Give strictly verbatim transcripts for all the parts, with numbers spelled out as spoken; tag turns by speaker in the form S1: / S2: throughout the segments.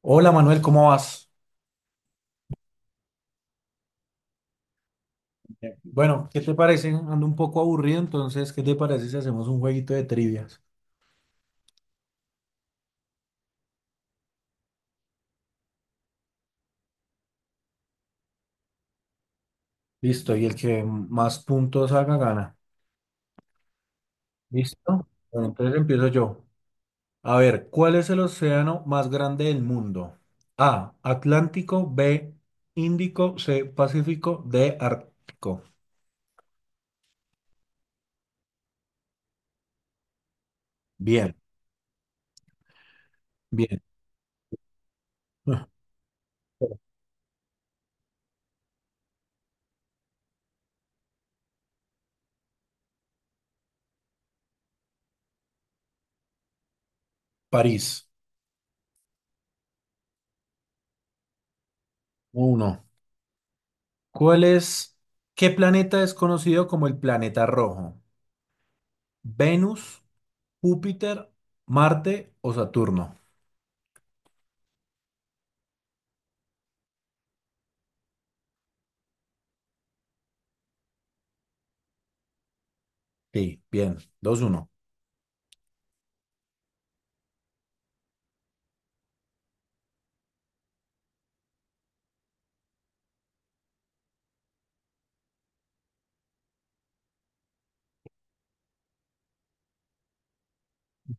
S1: Hola Manuel, ¿cómo vas? Bien. Bueno, ¿qué te parece? Ando un poco aburrido, entonces, ¿qué te parece si hacemos un jueguito de trivias? Listo, y el que más puntos haga gana. ¿Listo? Bueno, entonces empiezo yo. A ver, ¿cuál es el océano más grande del mundo? A, Atlántico, B, Índico, C, Pacífico, D, Ártico. Bien, bien. Ah, París, uno. ¿Cuál es, ¿Qué planeta es conocido como el planeta rojo? Venus. Júpiter, Marte o Saturno. Sí, bien. Dos uno.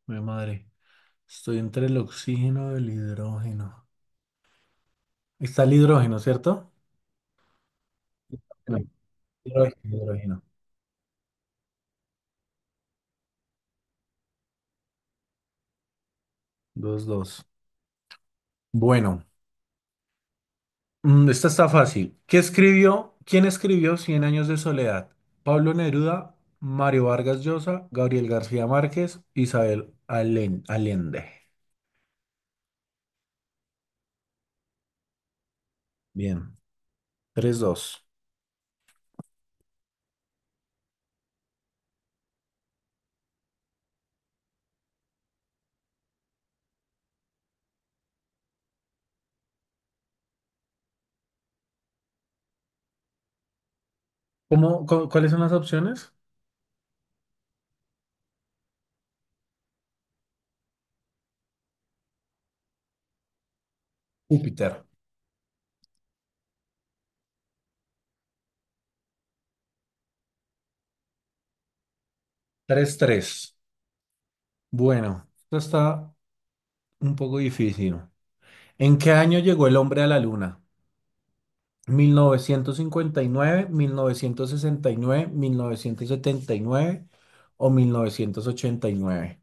S1: Mi madre, estoy entre el oxígeno y el hidrógeno. Está el hidrógeno, ¿cierto? No, hidrógeno, hidrógeno. Dos. 2. Bueno, mm, esta está fácil. ¿Qué escribió? ¿Quién escribió Cien años de soledad? Pablo Neruda, Mario Vargas Llosa, Gabriel García Márquez, Isabel Alen- Allende. Bien, tres dos. ¿Cómo, cu- cuáles son las opciones? Júpiter, tres tres. Bueno, esto está un poco difícil. ¿En qué año llegó el hombre a la luna? Mil mil mil novecientos novecientos novecientos cincuenta y nueve, mil novecientos sesenta y nueve, nueve, sesenta setenta y nueve o mil novecientos ochenta y nueve.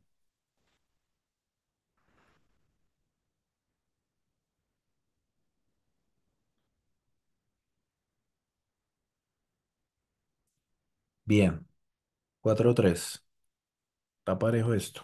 S1: Bien, cuatro tres. Está parejo esto.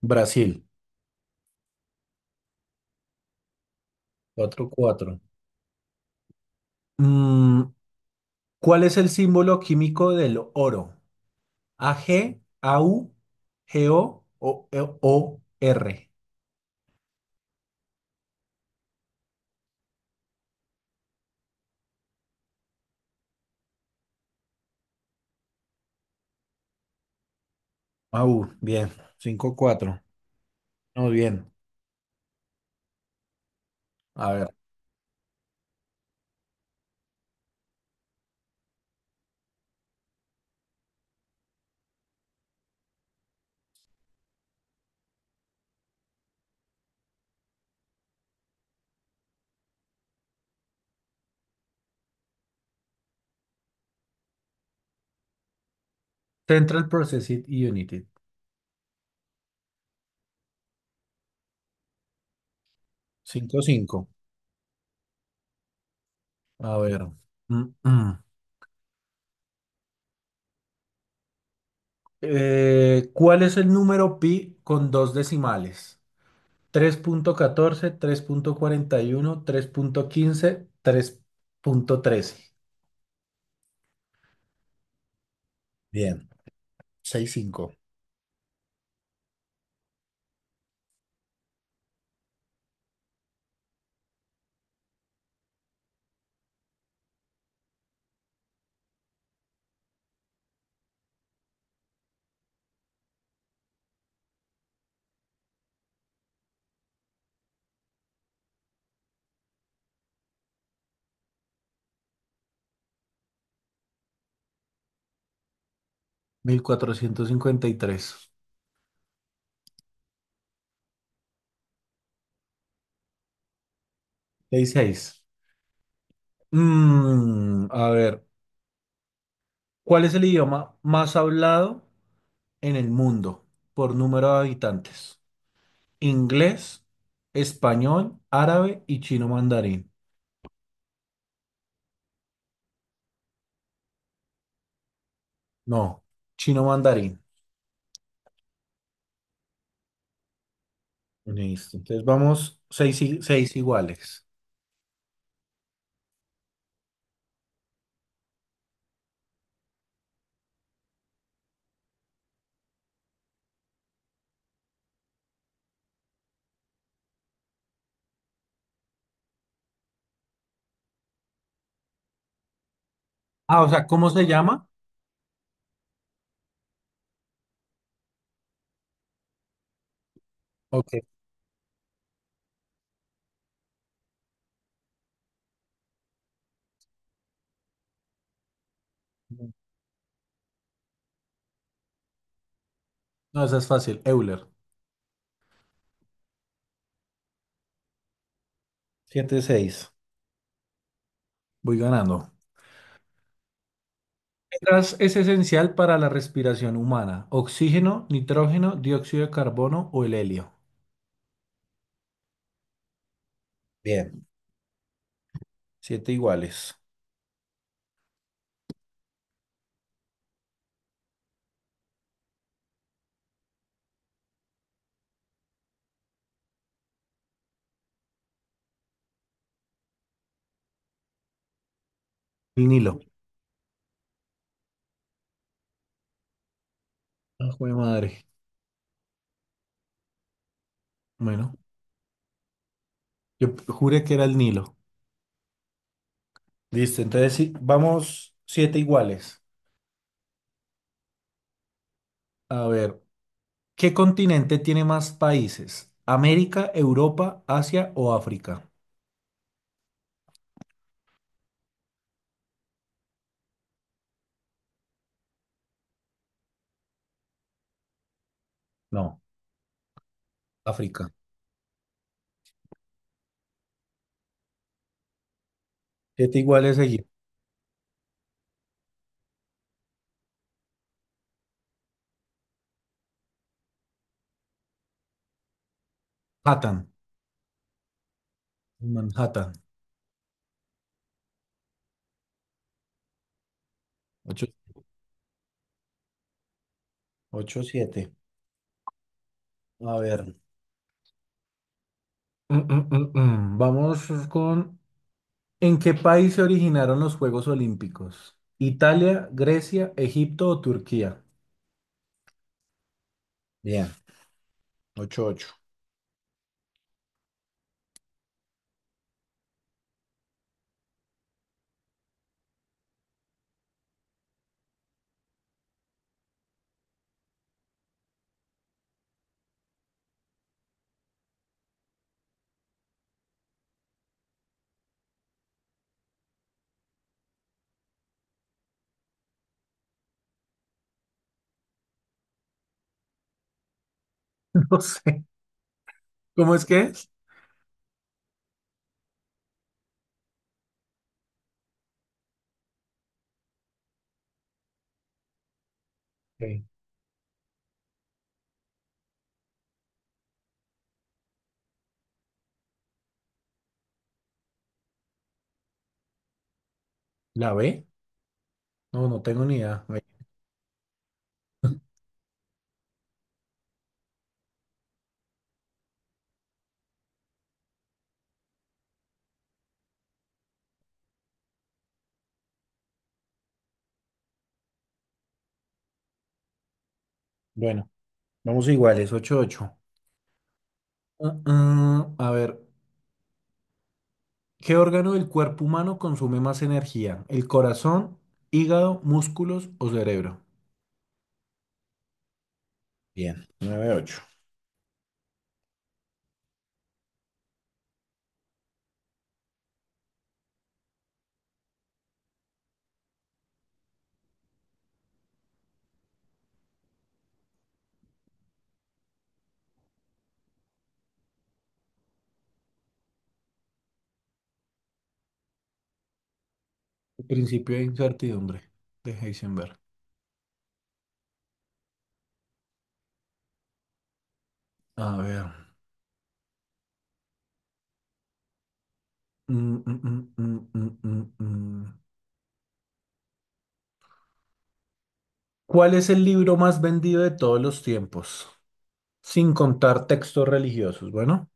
S1: Brasil, cuatro cuatro. Mm, ¿cuál es el símbolo químico del oro? ¿AG, AU, GO o, o R? AU, bien, cinco cuatro. Muy bien. A ver. Central Processing Unit. Cinco cinco. A ver. Mm, mm. Eh, ¿cuál es el número pi con dos decimales? tres tres tres punto punto punto catorce cuarenta y uno, tres punto quince, tres punto trece. Bien, seis cinco. mil cuatrocientos cincuenta y tres. Seis. Mm, a ver, ¿cuál es el idioma más hablado en el mundo por número de habitantes? Inglés, español, árabe y chino mandarín. No, chino mandarín. Listo. Entonces vamos seis, i- seis iguales. Ah, o sea, ¿cómo se llama? Ok. No, esa es fácil. Euler. Siete seis. Voy ganando. ¿Qué gas es esencial para la respiración humana? Oxígeno, nitrógeno, dióxido de carbono o el helio. Bien. Siete iguales. El Nilo. Ah, jue madre. Bueno, yo juré que era el Nilo. Listo, entonces sí, vamos siete iguales. A ver, ¿qué continente tiene más países? ¿América, Europa, Asia o África? No, África. Siete iguales seguidos. Manhattan. Manhattan. Ocho, ocho, siete. A ver. Mm, mm, mm, mm. Vamos con... ¿En qué país se originaron los Juegos Olímpicos? ¿Italia, Grecia, Egipto o Turquía? Bien, ocho, ocho. No sé. ¿Cómo es que es? Ok. ¿La B? No, no tengo ni idea. Bueno, vamos iguales, ocho ocho. Ah, ah, a ver, ¿qué órgano del cuerpo humano consume más energía? ¿El corazón, hígado, músculos o cerebro? Bien, nueve ocho. El principio de incertidumbre de Heisenberg. A ver. mm, mm, mm, mm, mm, mm, mm. ¿Cuál es el libro más vendido de todos los tiempos? Sin contar textos religiosos. Bueno,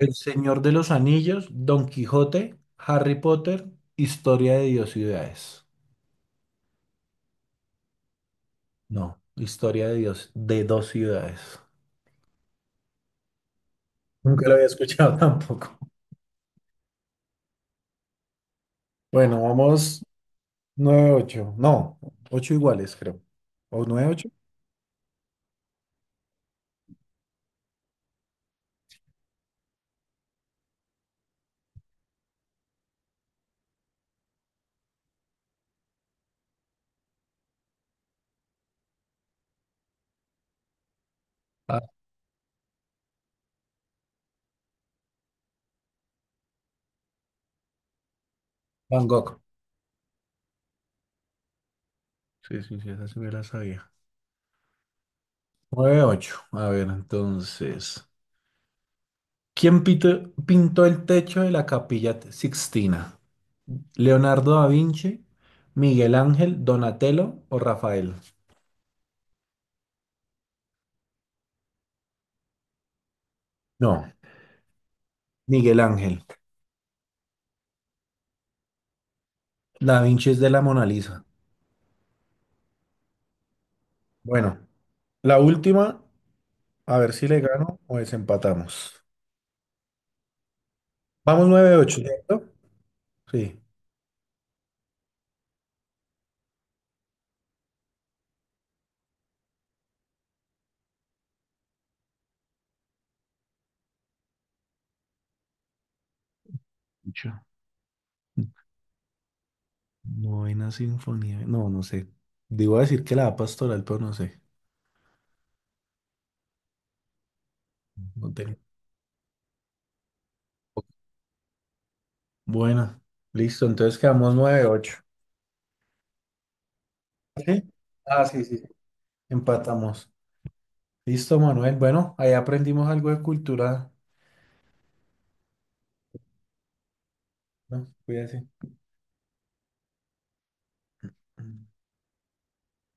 S1: El Señor de los Anillos, Don Quijote, Harry Potter, Historia de Dios y Ciudades. No, historia de Dios, de dos ciudades. Nunca lo había escuchado tampoco. Bueno, vamos nueve ocho. No, ocho iguales, creo. O nueve ocho. Ah, Van Gogh. Sí, sí, sí, esa sí me la sabía. Nueve ocho. A ver, entonces. ¿Quién pito- pintó el techo de la Capilla Sixtina? ¿Leonardo da Vinci, Miguel Ángel, Donatello o Rafael? No, Miguel Ángel. Da Vinci es de la Mona Lisa. Bueno, la última. A ver si le gano o desempatamos. Vamos nueve ocho. ¿Cierto? Sí. Mucho. Novena sinfonía. No, no sé. Digo a decir que la da pastoral, pero no sé. No tengo. Bueno, listo, entonces quedamos nueve ocho. ¿Sí? Ah, sí, sí. Empatamos. Listo, Manuel. Bueno, ahí aprendimos algo de cultura, ¿no? Cuídate.